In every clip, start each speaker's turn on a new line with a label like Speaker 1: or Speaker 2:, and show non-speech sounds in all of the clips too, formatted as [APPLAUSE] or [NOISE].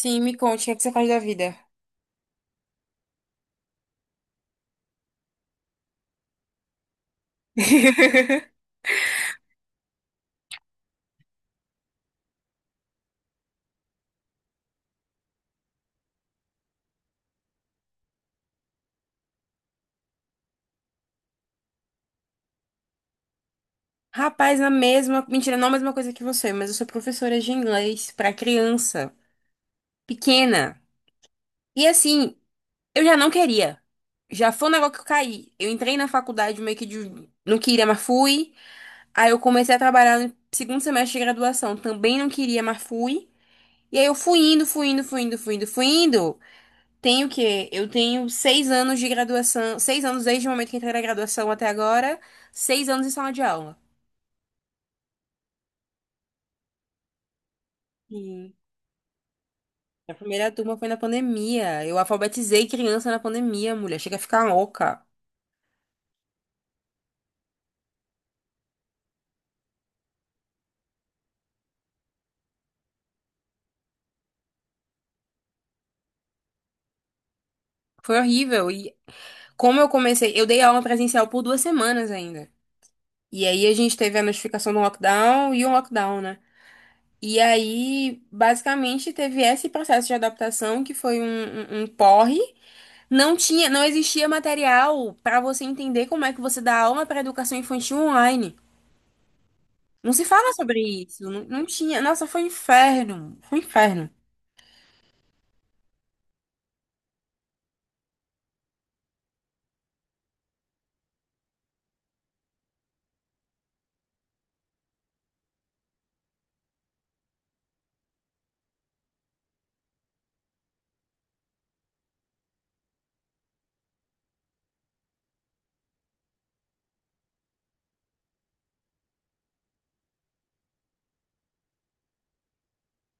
Speaker 1: Sim, me conte, o que é que você faz da vida? [LAUGHS] Rapaz, na mesma. Mentira, não a mesma coisa que você, mas eu sou professora de inglês pra criança pequena. E assim, eu já não queria. Já foi um negócio que eu caí. Eu entrei na faculdade meio que de. Não queria, mas fui. Aí eu comecei a trabalhar no segundo semestre de graduação. Também não queria, mas fui. E aí eu fui indo, fui indo, fui indo, fui indo, fui indo. Tenho o quê? Eu tenho 6 anos de graduação, 6 anos desde o momento que entrei na graduação até agora, 6 anos em sala de aula. E a primeira turma foi na pandemia. Eu alfabetizei criança na pandemia, mulher. Chega a ficar louca. Foi horrível. E como eu comecei, eu dei aula presencial por duas semanas ainda. E aí a gente teve a notificação do lockdown e um lockdown, né? E aí, basicamente, teve esse processo de adaptação que foi um porre. Não existia material para você entender como é que você dá aula para educação infantil online. Não se fala sobre isso, não tinha. Nossa, foi um inferno, foi um inferno.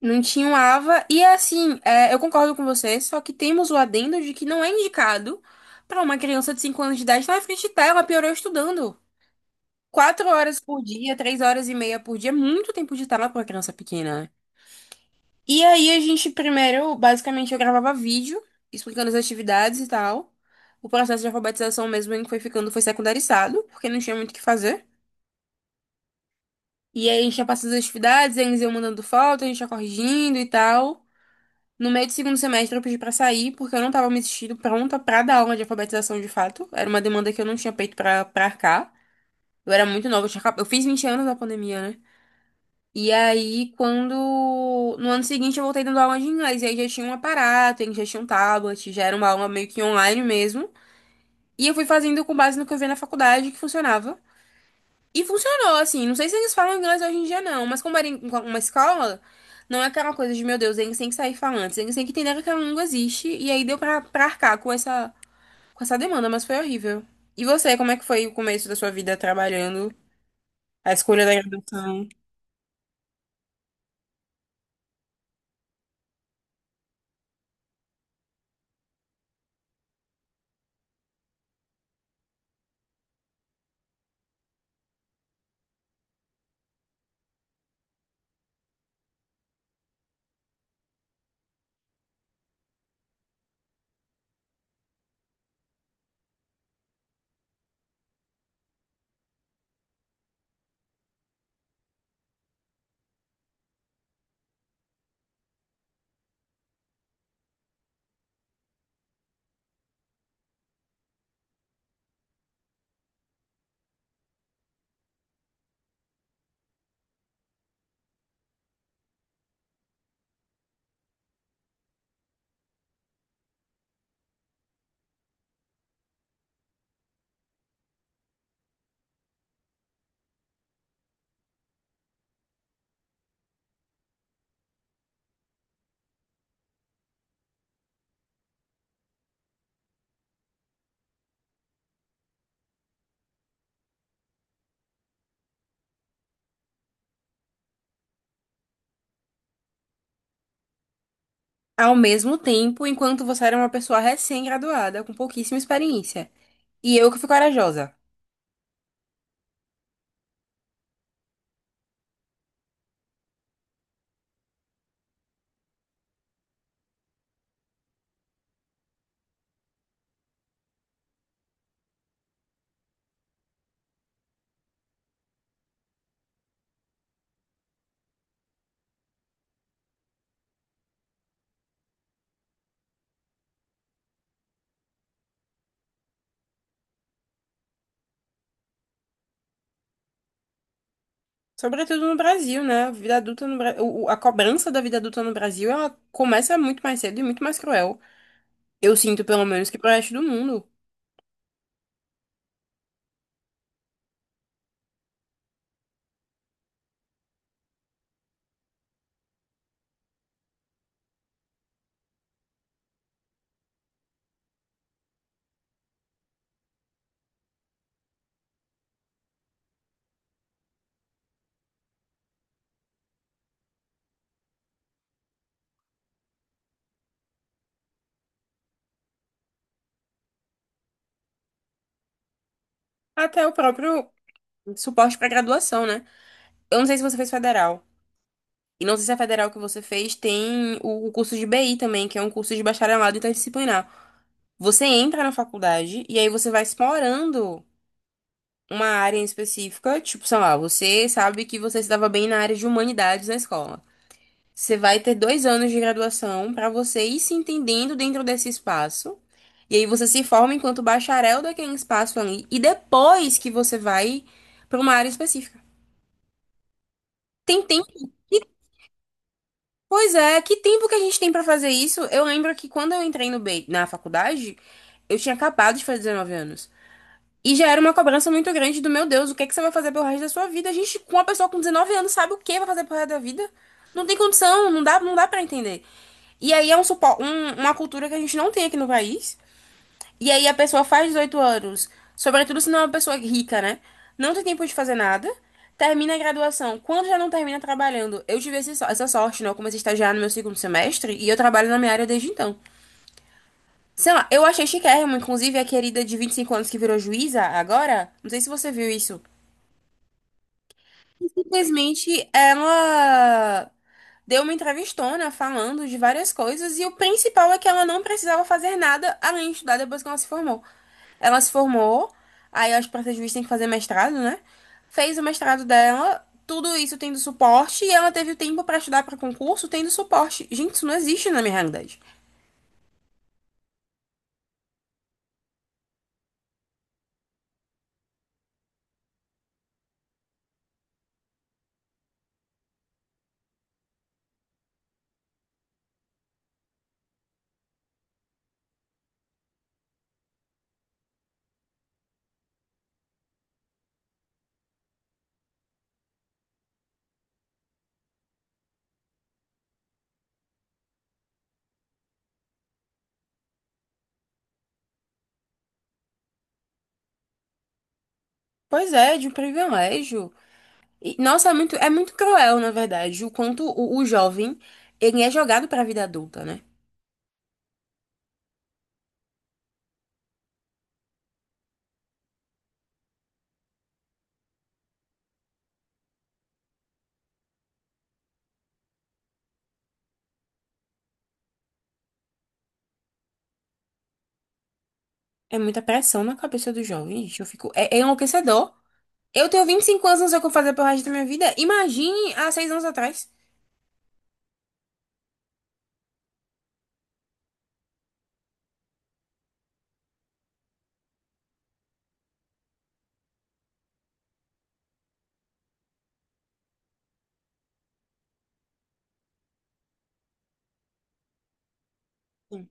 Speaker 1: Não tinha um AVA e é assim, é, eu concordo com você, só que temos o adendo de que não é indicado para uma criança de 5 anos de idade estar na frente de tela, piorou estudando. 4 horas por dia, 3 horas e meia por dia, é muito tempo de tela para uma criança pequena. E aí a gente primeiro, basicamente, eu gravava vídeo explicando as atividades e tal. O processo de alfabetização mesmo em que foi ficando foi secundarizado, porque não tinha muito o que fazer. E aí a gente ia passando as atividades, eles iam mandando foto, a gente ia corrigindo e tal. No meio do segundo semestre eu pedi pra sair, porque eu não tava me sentindo pronta pra dar aula de alfabetização de fato. Era uma demanda que eu não tinha peito pra arcar. Eu era muito nova, eu, eu fiz 20 anos na pandemia, né? E aí, quando. No ano seguinte, eu voltei dando aula de inglês. E aí já tinha um aparato, ele já tinha um tablet, já era uma aula meio que online mesmo. E eu fui fazendo com base no que eu vi na faculdade, que funcionava. E funcionou, assim. Não sei se eles falam inglês hoje em dia, não. Mas como era uma escola, não é aquela coisa de, meu Deus, eles têm que sair falando. Eles têm que entender que aquela língua existe. E aí deu pra arcar com essa demanda, mas foi horrível. E você, como é que foi o começo da sua vida trabalhando? A escolha da graduação? Ao mesmo tempo, enquanto você era uma pessoa recém-graduada, com pouquíssima experiência. E eu que fui corajosa. Sobretudo no Brasil, né? A vida adulta no A cobrança da vida adulta no Brasil, ela começa muito mais cedo e muito mais cruel. Eu sinto, pelo menos, que pro resto do mundo. Até o próprio suporte para graduação, né? Eu não sei se você fez federal. E não sei se a federal que você fez tem o curso de BI também, que é um curso de bacharelado interdisciplinar. Você entra na faculdade e aí você vai explorando uma área em específica, tipo, sei lá, você sabe que você se dava bem na área de humanidades na escola. Você vai ter 2 anos de graduação para você ir se entendendo dentro desse espaço. E aí você se forma enquanto bacharel daquele espaço ali. E depois que você vai para uma área específica. Tem tempo. Que- Pois é, que tempo que a gente tem para fazer isso? Eu lembro que quando eu entrei no B, na faculdade, eu tinha acabado de fazer 19 anos. E já era uma cobrança muito grande do meu Deus, o que é que você vai fazer pelo resto da sua vida? A gente, com uma pessoa com 19 anos, sabe o que vai fazer pelo resto da vida? Não tem condição, não dá, não dá para entender. E aí é uma cultura que a gente não tem aqui no país. E aí a pessoa faz 18 anos, sobretudo se não é uma pessoa rica, né? Não tem tempo de fazer nada. Termina a graduação. Quando já não termina trabalhando, eu tive essa sorte, né? Eu comecei a estagiar no meu segundo semestre e eu trabalho na minha área desde então. Sei lá, eu achei chiquérrimo, inclusive a querida de 25 anos que virou juíza agora, não sei se você viu isso. Simplesmente ela deu uma entrevistona falando de várias coisas e o principal é que ela não precisava fazer nada além de estudar depois que ela se formou. Ela se formou, aí acho que pra ser juiz tem que fazer mestrado, né? Fez o mestrado dela, tudo isso tendo suporte, e ela teve o tempo pra estudar pra concurso tendo suporte. Gente, isso não existe na minha realidade. Pois é, de um privilégio. E, Nossa, é muito cruel, na verdade, o quanto o jovem, ele é jogado pra vida adulta, né? É muita pressão na cabeça do jovem, gente. Eu fico, é enlouquecedor. Eu tenho 25 anos, não sei o que eu vou fazer pro resto da minha vida. Imagine há 6 anos atrás. Sim.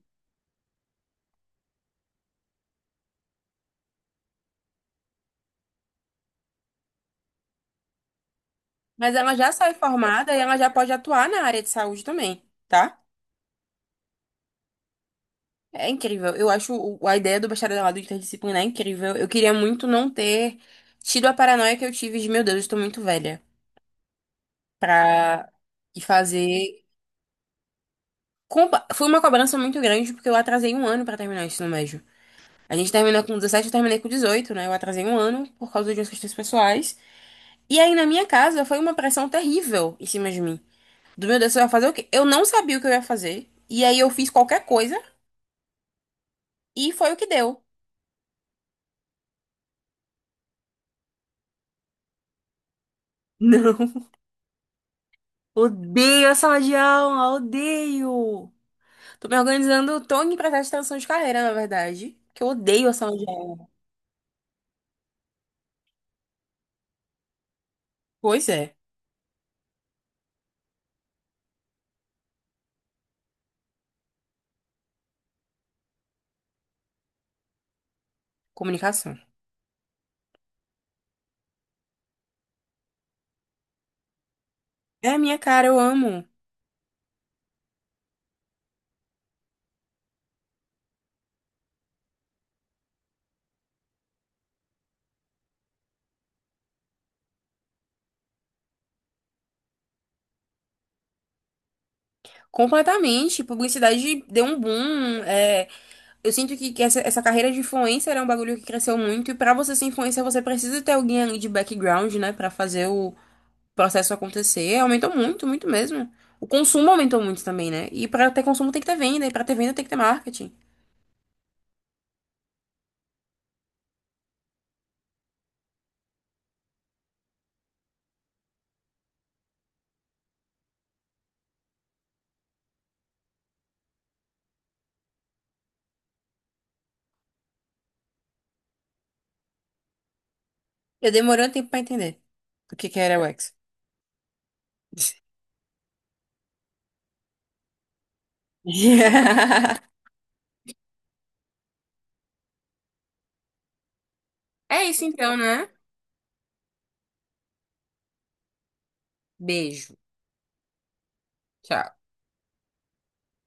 Speaker 1: Mas ela já sai formada e ela já pode atuar na área de saúde também, tá? É incrível. Eu acho a ideia do bacharelado interdisciplinar é incrível. Eu queria muito não ter tido a paranoia que eu tive de, meu Deus, eu estou muito velha pra ir fazer. Foi uma cobrança muito grande porque eu atrasei um ano pra terminar o ensino médio. A gente terminou com 17, eu terminei com 18, né? Eu atrasei um ano por causa de umas questões pessoais. E aí, na minha casa, foi uma pressão terrível em cima de mim. Do meu Deus, você vai fazer o quê? Eu não sabia o que eu ia fazer. E aí, eu fiz qualquer coisa e foi o que deu. [LAUGHS] Não, odeio a sala de aula, odeio. Tô me organizando, tô em processo de transição de carreira, na verdade, que eu odeio a sala de aula. Pois é, comunicação. É a minha cara, eu amo. Completamente. Publicidade deu um boom. É, eu sinto que essa carreira de influencer é um bagulho que cresceu muito. E pra você ser influencer, você precisa ter alguém ali de background, né? Pra fazer o processo acontecer. Aumentou muito, muito mesmo. O consumo aumentou muito também, né? E pra ter consumo tem que ter venda. E pra ter venda tem que ter marketing. Eu demorei um tempo pra entender o que que era o X. [LAUGHS] É isso então, né? Beijo. Tchau.